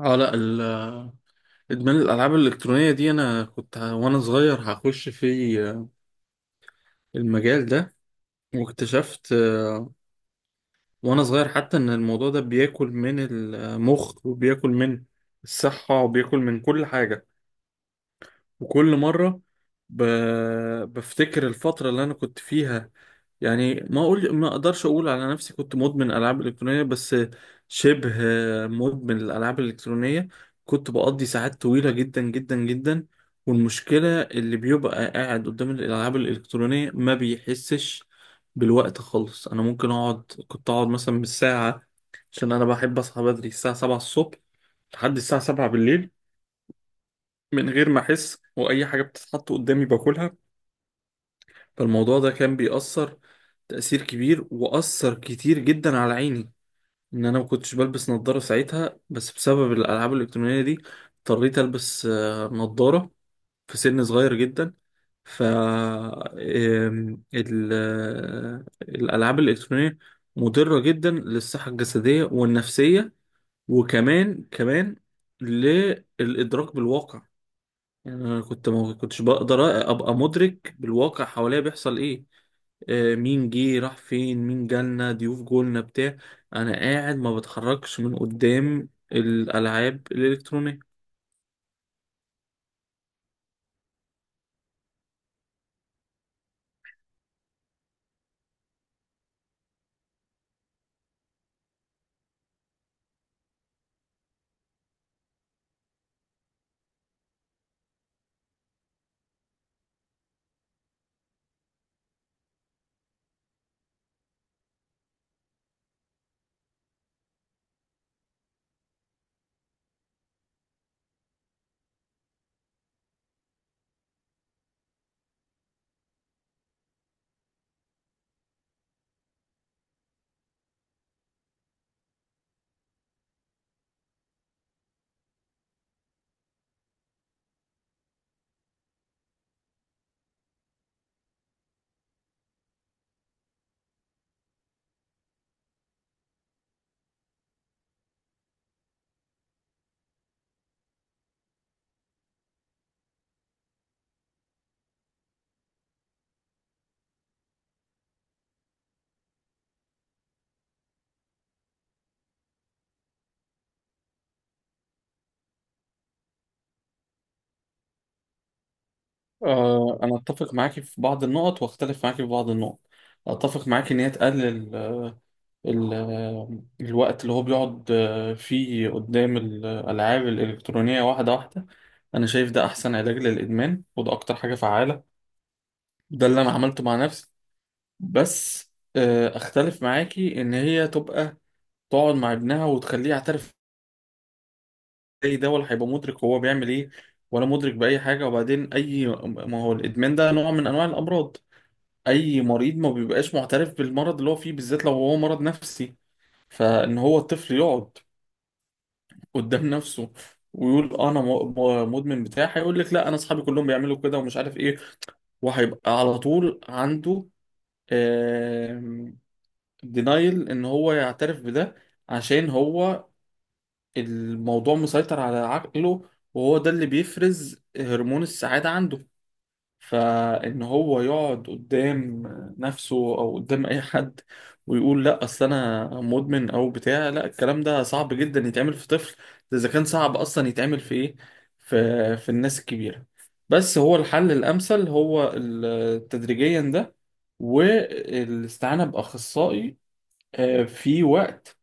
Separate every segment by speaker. Speaker 1: اه لا ال- ادمان الالعاب الالكترونيه دي انا وانا صغير هخش في المجال ده. واكتشفت وانا صغير حتى ان الموضوع ده بياكل من المخ وبياكل من الصحه وبياكل من كل حاجه. وكل مرة ب... بفتكر الفترة اللي أنا كنت فيها، يعني ما أقدرش أقول على نفسي كنت مدمن ألعاب إلكترونية، بس شبه مدمن الألعاب الإلكترونية. كنت بقضي ساعات طويلة جدا جدا جدا، والمشكلة اللي بيبقى قاعد قدام الألعاب الإلكترونية ما بيحسش بالوقت خالص. أنا ممكن أقعد كنت أقعد مثلا بالساعة، عشان أنا بحب أصحى بدري، الساعة 7 الصبح لحد الساعة 7 بالليل، من غير ما احس، واي حاجه بتتحط قدامي باكلها. فالموضوع ده كان بيأثر تأثير كبير، وأثر كتير جدا على عيني، ان انا ما كنتش بلبس نظاره ساعتها، بس بسبب الالعاب الالكترونيه دي اضطريت البس نظاره في سن صغير جدا. ف آم، ال- آه، الالعاب الالكترونيه مضره جدا للصحه الجسديه والنفسيه، وكمان كمان للادراك بالواقع. يعني انا ما كنتش بقدر ابقى مدرك بالواقع حواليا بيحصل ايه، مين جه، راح فين، مين جالنا ضيوف جولنا بتاع، انا قاعد ما بتحركش من قدام الالعاب الالكترونيه. انا اتفق معاكي في بعض النقط، واختلف معاكي في بعض النقط. اتفق معاكي ان هي تقلل ال- آه، الوقت اللي هو بيقعد فيه قدام الالعاب الالكترونيه، واحده واحده. انا شايف ده احسن علاج للادمان، وده اكتر حاجه فعاله، ده اللي انا عملته مع نفسي. بس اختلف معاكي ان هي تبقى تقعد مع ابنها وتخليه يعترف. زي ده ولا هيبقى مدرك هو بيعمل ايه، ولا مدرك باي حاجه. وبعدين اي، ما هو الادمان ده نوع من انواع الامراض، اي مريض ما بيبقاش معترف بالمرض اللي هو فيه، بالذات لو هو مرض نفسي. فان هو الطفل يقعد قدام نفسه ويقول انا مدمن بتاع، هيقول لك لا انا اصحابي كلهم بيعملوا كده ومش عارف ايه. وهيبقى على طول عنده دينايل ان هو يعترف بده، عشان هو الموضوع مسيطر على عقله، وهو ده اللي بيفرز هرمون السعادة عنده. فان هو يقعد قدام نفسه او قدام اي حد ويقول لا اصل انا مدمن او بتاع، لا الكلام ده صعب جدا يتعمل في طفل، ده اذا كان صعب اصلا يتعمل في ايه، في الناس الكبيرة. بس هو الحل الامثل هو تدريجيا ده، والاستعانة بأخصائي في وقت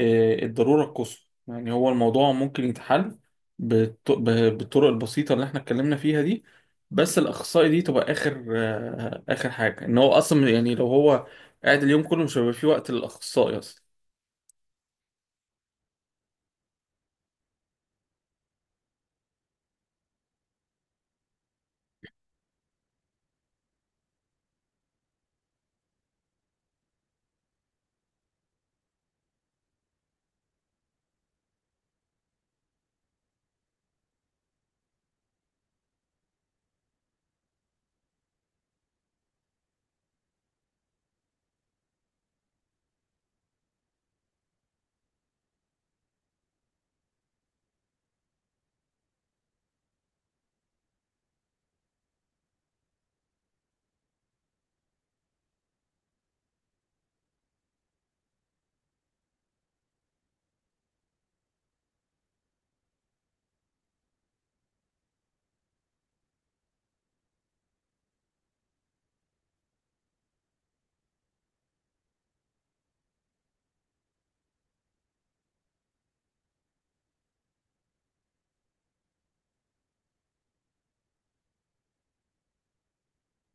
Speaker 1: الضرورة القصوى. يعني هو الموضوع ممكن يتحل بالطرق البسيطة اللي احنا اتكلمنا فيها دي، بس الأخصائي دي تبقى آخر آخر حاجة. إن هو أصلا يعني لو هو قاعد اليوم كله مش هيبقى في وقت للأخصائي أصلا.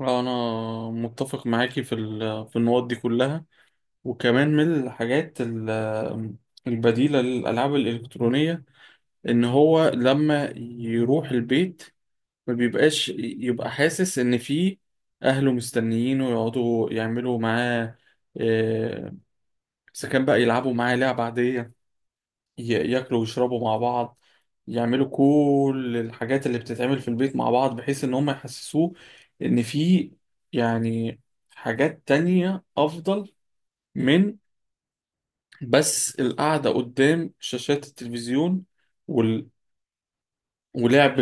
Speaker 1: أنا متفق معاكي في في النقط دي كلها. وكمان من الحاجات البديلة للألعاب الإلكترونية، إن هو لما يروح البيت ما بيبقاش يبقى حاسس ان في اهله مستنيينه، يقعدوا يعملوا معاه آه، اذا كان بقى يلعبوا معاه لعبة عادية، ياكلوا ويشربوا مع بعض، يعملوا كل الحاجات اللي بتتعمل في البيت مع بعض، بحيث ان هم يحسسوه ان في يعني حاجات تانية افضل من بس القعدة قدام شاشات التلفزيون وال... ولعب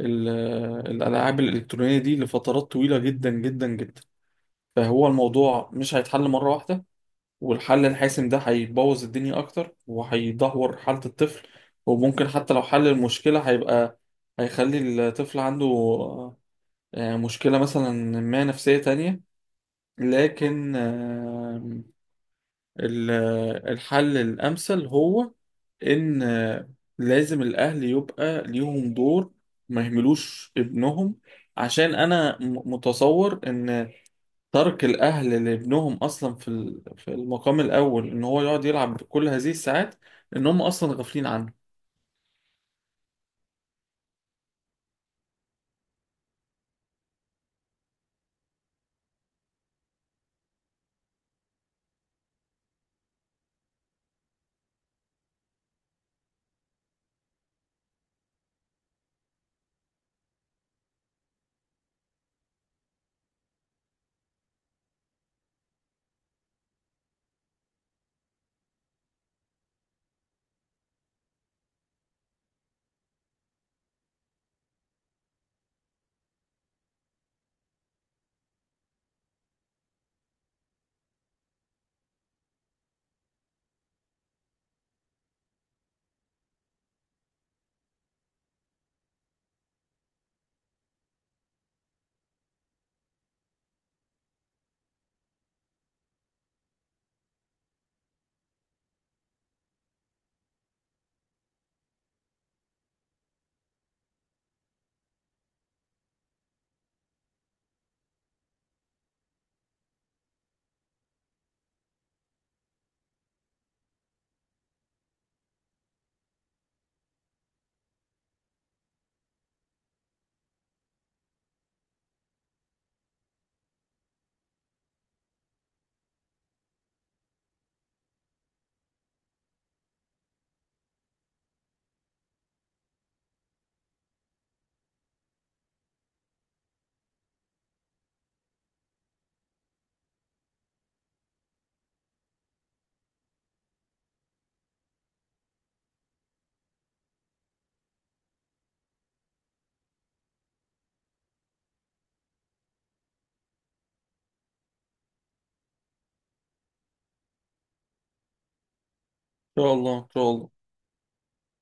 Speaker 1: ال- الألعاب الإلكترونية دي لفترات طويلة جدا جدا جدا. فهو الموضوع مش هيتحل مرة واحدة، والحل الحاسم ده هيبوظ الدنيا أكتر وهيدهور حالة الطفل. وممكن حتى لو حل المشكلة هيبقى، هيخلي الطفل عنده مشكلة مثلا ما نفسية تانية. لكن ال- الحل الأمثل هو إن لازم الأهل يبقى ليهم دور، ما يهملوش ابنهم. عشان أنا متصور إن ترك الأهل لابنهم أصلا في في المقام الأول، إن هو يقعد يلعب كل هذه الساعات، إن هم أصلا غافلين عنه. إن شاء الله، إن شاء الله.